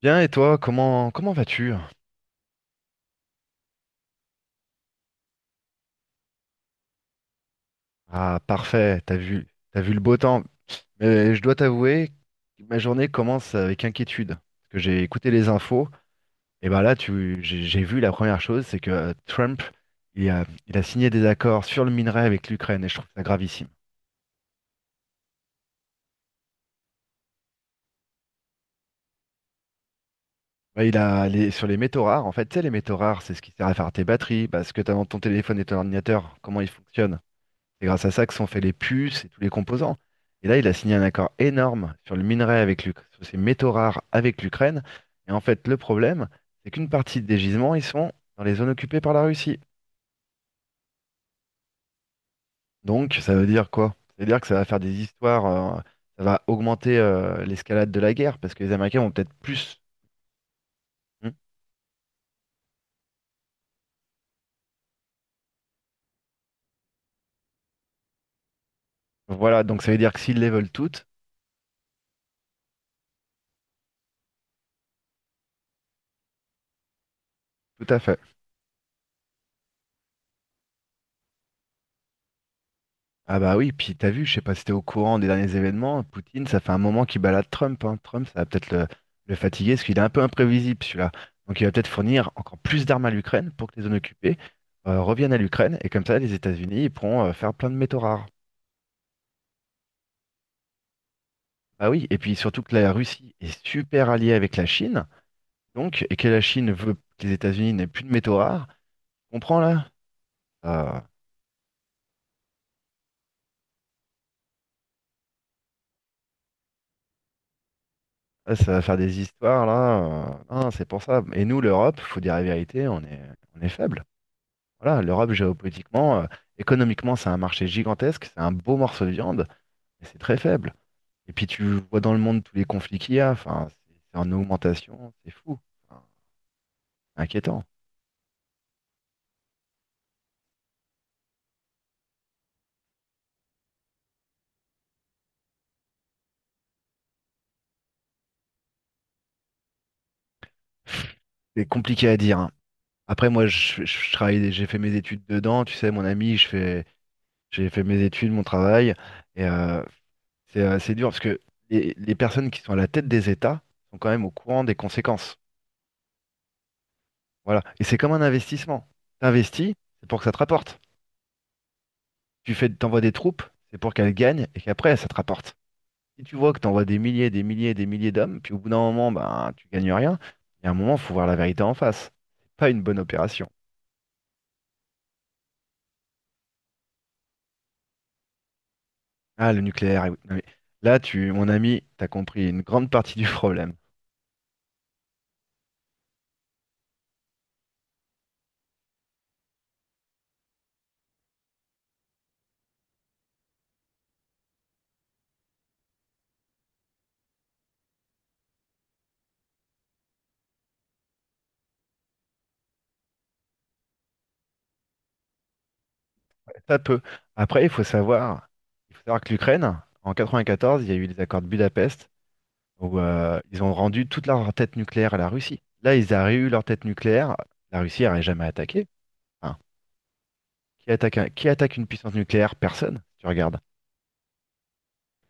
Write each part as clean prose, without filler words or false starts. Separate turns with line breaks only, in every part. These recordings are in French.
Bien, et toi, comment vas-tu? Ah, parfait, t'as vu le beau temps. Mais je dois t'avouer, ma journée commence avec inquiétude. Parce que j'ai écouté les infos, et ben là, tu j'ai vu la première chose, c'est que Trump, il a signé des accords sur le minerai avec l'Ukraine, et je trouve ça gravissime. Ouais, sur les métaux rares, en fait, tu sais, les métaux rares, c'est ce qui sert à faire tes batteries, bah, ce que t'as dans ton téléphone et ton ordinateur, comment ils fonctionnent. C'est grâce à ça que sont faits les puces et tous les composants. Et là, il a signé un accord énorme sur le minerai avec sur ces métaux rares avec l'Ukraine. Et en fait, le problème, c'est qu'une partie des gisements, ils sont dans les zones occupées par la Russie. Donc, ça veut dire quoi? Ça veut dire que ça va faire des histoires, euh, ça va augmenter l'escalade de la guerre, parce que les Américains vont peut-être plus. Hmm. Voilà, donc ça veut dire que s'ils les veulent toutes, tout à fait. Ah bah oui, puis t'as vu, je sais pas si t'es au courant des derniers événements, Poutine, ça fait un moment qu'il balade Trump, hein. Trump, ça va peut-être le fatiguer, parce qu'il est un peu imprévisible celui-là. Donc il va peut-être fournir encore plus d'armes à l'Ukraine pour que les zones occupées reviennent à l'Ukraine, et comme ça les États-Unis ils pourront faire plein de métaux rares. Ah oui, et puis surtout que la Russie est super alliée avec la Chine, donc, et que la Chine veut que les États-Unis n'aient plus de métaux rares, tu comprends là? Ah, là, ça va faire des histoires là, non, c'est pour ça. Et nous, l'Europe, faut dire la vérité, on est faible. Voilà, l'Europe géopolitiquement, économiquement, c'est un marché gigantesque, c'est un beau morceau de viande, mais c'est très faible. Et puis tu vois dans le monde tous les conflits qu'il y a, enfin, c'est en augmentation, c'est fou. Enfin, c'est inquiétant. C'est compliqué à dire, hein. Après, moi, je travaille, j'ai fait mes études dedans, tu sais, mon ami, je fais, j'ai fait mes études, mon travail, et c'est dur parce que les personnes qui sont à la tête des États sont quand même au courant des conséquences. Voilà, et c'est comme un investissement. T'investis, c'est pour que ça te rapporte. Tu fais, t'envoies des troupes, c'est pour qu'elles gagnent et qu'après, ça te rapporte. Si tu vois que t'envoies des milliers, des milliers, des milliers d'hommes, puis au bout d'un moment, ben, tu gagnes rien, il y a un moment, faut voir la vérité en face. C'est pas une bonne opération. Ah, le nucléaire. Eh oui. Non, mais là, tu, mon ami, t'as compris une grande partie du problème. Ça peut. Après, il faut savoir que l'Ukraine, en 94, il y a eu les accords de Budapest où ils ont rendu toute leur tête nucléaire à la Russie. Là, ils auraient eu leur tête nucléaire, la Russie n'aurait jamais attaqué. Enfin, qui attaque une puissance nucléaire? Personne. Tu regardes. Tu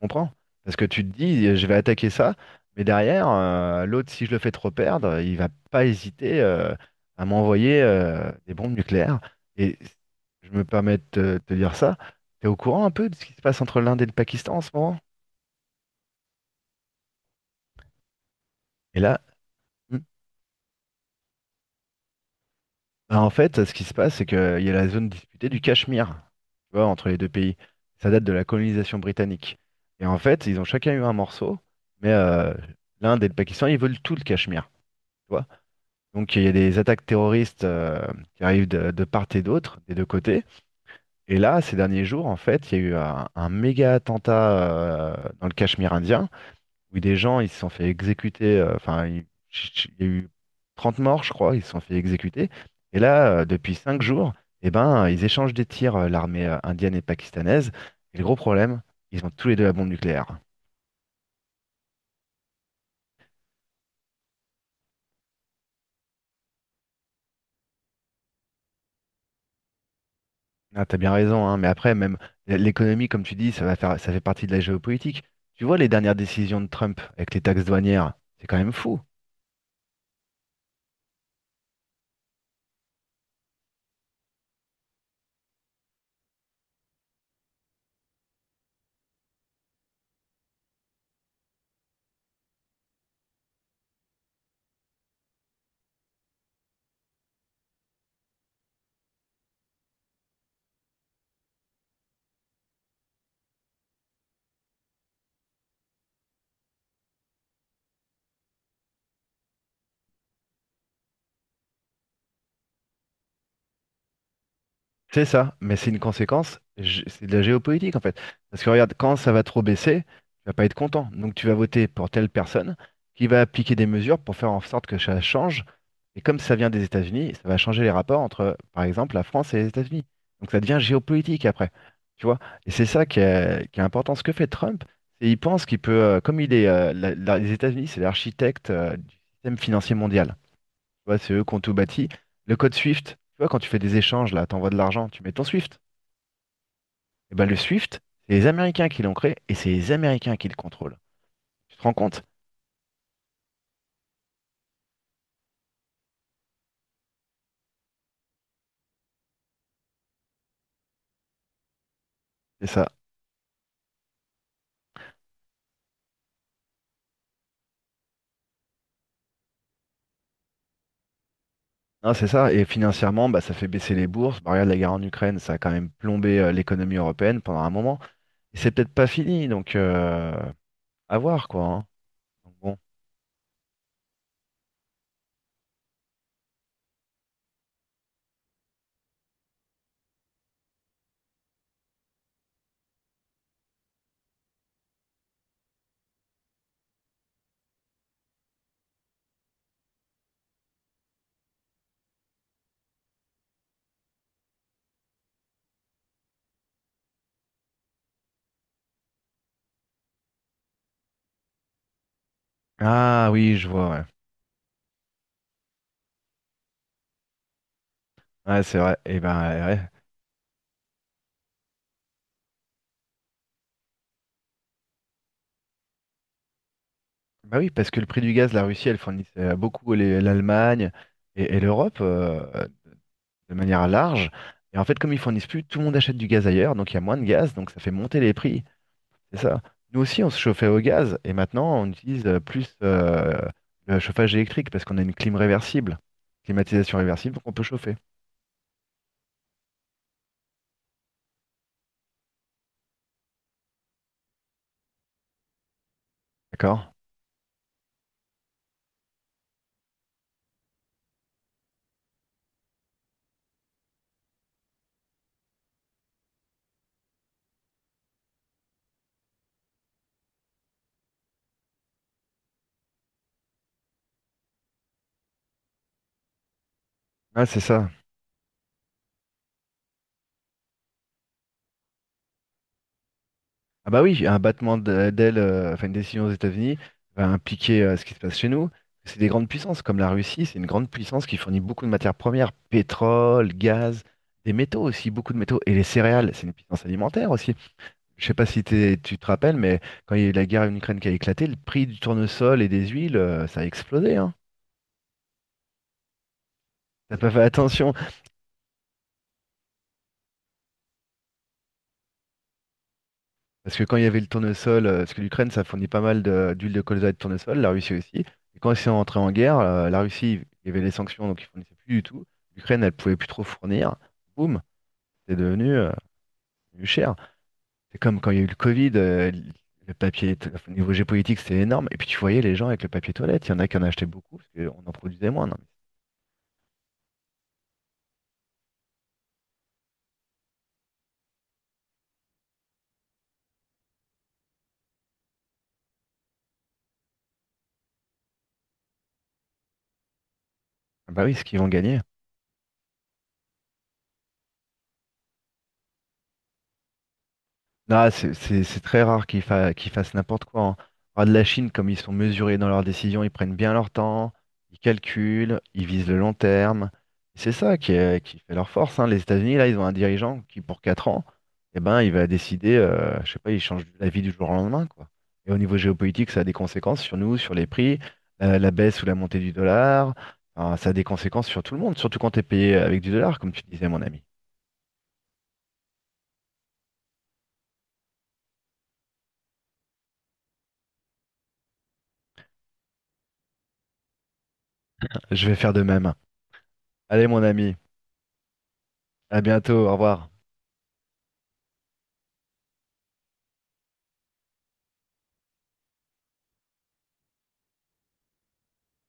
comprends? Parce que tu te dis, je vais attaquer ça, mais derrière, l'autre, si je le fais trop perdre, il va pas hésiter à m'envoyer des bombes nucléaires. Et je me permets de te dire ça. T'es au courant un peu de ce qui se passe entre l'Inde et le Pakistan en ce moment? Et là, bah, en fait, ce qui se passe, c'est qu'il y a la zone disputée du Cachemire, tu vois, entre les deux pays. Ça date de la colonisation britannique. Et en fait, ils ont chacun eu un morceau, mais l'Inde et le Pakistan, ils veulent tout le Cachemire, tu vois. Donc il y a des attaques terroristes qui arrivent de part et d'autre, des deux côtés. Et là, ces derniers jours, en fait, il y a eu un méga attentat dans le Cachemire indien. Oui, des gens, ils se sont fait exécuter. Enfin, il y a eu 30 morts, je crois, ils se sont fait exécuter. Et là, depuis 5 jours, eh ben, ils échangent des tirs, l'armée indienne et pakistanaise. Et le gros problème, ils ont tous les deux la bombe nucléaire. Ah, t'as bien raison, hein, mais après, même l'économie, comme tu dis, ça va faire, ça fait partie de la géopolitique. Tu vois les dernières décisions de Trump avec les taxes douanières, c'est quand même fou. C'est ça, mais c'est une conséquence, c'est de la géopolitique en fait. Parce que regarde, quand ça va trop baisser, tu vas pas être content. Donc tu vas voter pour telle personne qui va appliquer des mesures pour faire en sorte que ça change. Et comme ça vient des États-Unis, ça va changer les rapports entre, par exemple, la France et les États-Unis. Donc ça devient géopolitique après. Tu vois? Et c'est ça qui est important. Ce que fait Trump, c'est il pense qu'il peut, comme il est, les États-Unis, c'est l'architecte, du système financier mondial. Tu vois, c'est eux qui ont tout bâti. Le code SWIFT, tu vois, quand tu fais des échanges, là, t'envoies de l'argent, tu mets ton SWIFT. Et ben le SWIFT, c'est les Américains qui l'ont créé et c'est les Américains qui le contrôlent. Tu te rends compte? C'est ça. Non, c'est ça. Et financièrement, bah, ça fait baisser les bourses. Bah, regarde la guerre en Ukraine, ça a quand même plombé l'économie européenne pendant un moment. Et c'est peut-être pas fini, donc à voir quoi, hein. Donc bon. Ah oui, je vois, ouais. Ouais, c'est vrai. Et ben ouais, ouais. Bah oui, parce que le prix du gaz, la Russie, elle fournit beaucoup l'Allemagne et l'Europe de manière large. Et en fait, comme ils fournissent plus, tout le monde achète du gaz ailleurs, donc il y a moins de gaz, donc ça fait monter les prix. C'est ça. Nous aussi, on se chauffait au gaz et maintenant, on utilise plus le chauffage électrique parce qu'on a une clim réversible, climatisation réversible, donc on peut chauffer. D'accord? Ah, c'est ça. Ah bah oui, un battement d'ailes, enfin une décision aux États-Unis va impliquer ce qui se passe chez nous. C'est des grandes puissances, comme la Russie, c'est une grande puissance qui fournit beaucoup de matières premières, pétrole, gaz, des métaux aussi, beaucoup de métaux, et les céréales, c'est une puissance alimentaire aussi. Je sais pas si tu te rappelles, mais quand il y a eu la guerre en Ukraine qui a éclaté, le prix du tournesol et des huiles, ça a explosé, hein. T'as pas fait attention. Parce que quand il y avait le tournesol, parce que l'Ukraine, ça fournit pas mal d'huile de colza et de tournesol, la Russie aussi. Et quand ils sont entrés en guerre, la Russie, il y avait les sanctions, donc ils fournissaient plus du tout. L'Ukraine, elle pouvait plus trop fournir. Boum, c'est devenu devenu cher. C'est comme quand il y a eu le Covid, le papier, enfin, au niveau géopolitique, c'était énorme. Et puis tu voyais les gens avec le papier toilette, il y en a qui en achetaient beaucoup, parce qu'on en produisait moins. Non, mais ah bah oui, ce qu'ils vont gagner. Non, c'est très rare qu'ils fassent n'importe quoi, hein. Ah, de la Chine, comme ils sont mesurés dans leurs décisions, ils prennent bien leur temps, ils calculent, ils visent le long terme. C'est ça qui fait leur force, hein. Les États-Unis, là, ils ont un dirigeant qui, pour 4 ans, eh ben, il va décider, je sais pas, il change la vie du jour au lendemain, quoi. Et au niveau géopolitique, ça a des conséquences sur nous, sur les prix, la baisse ou la montée du dollar. Enfin, ça a des conséquences sur tout le monde, surtout quand tu es payé avec du dollar, comme tu disais, mon ami. Je vais faire de même. Allez, mon ami, à bientôt, au revoir.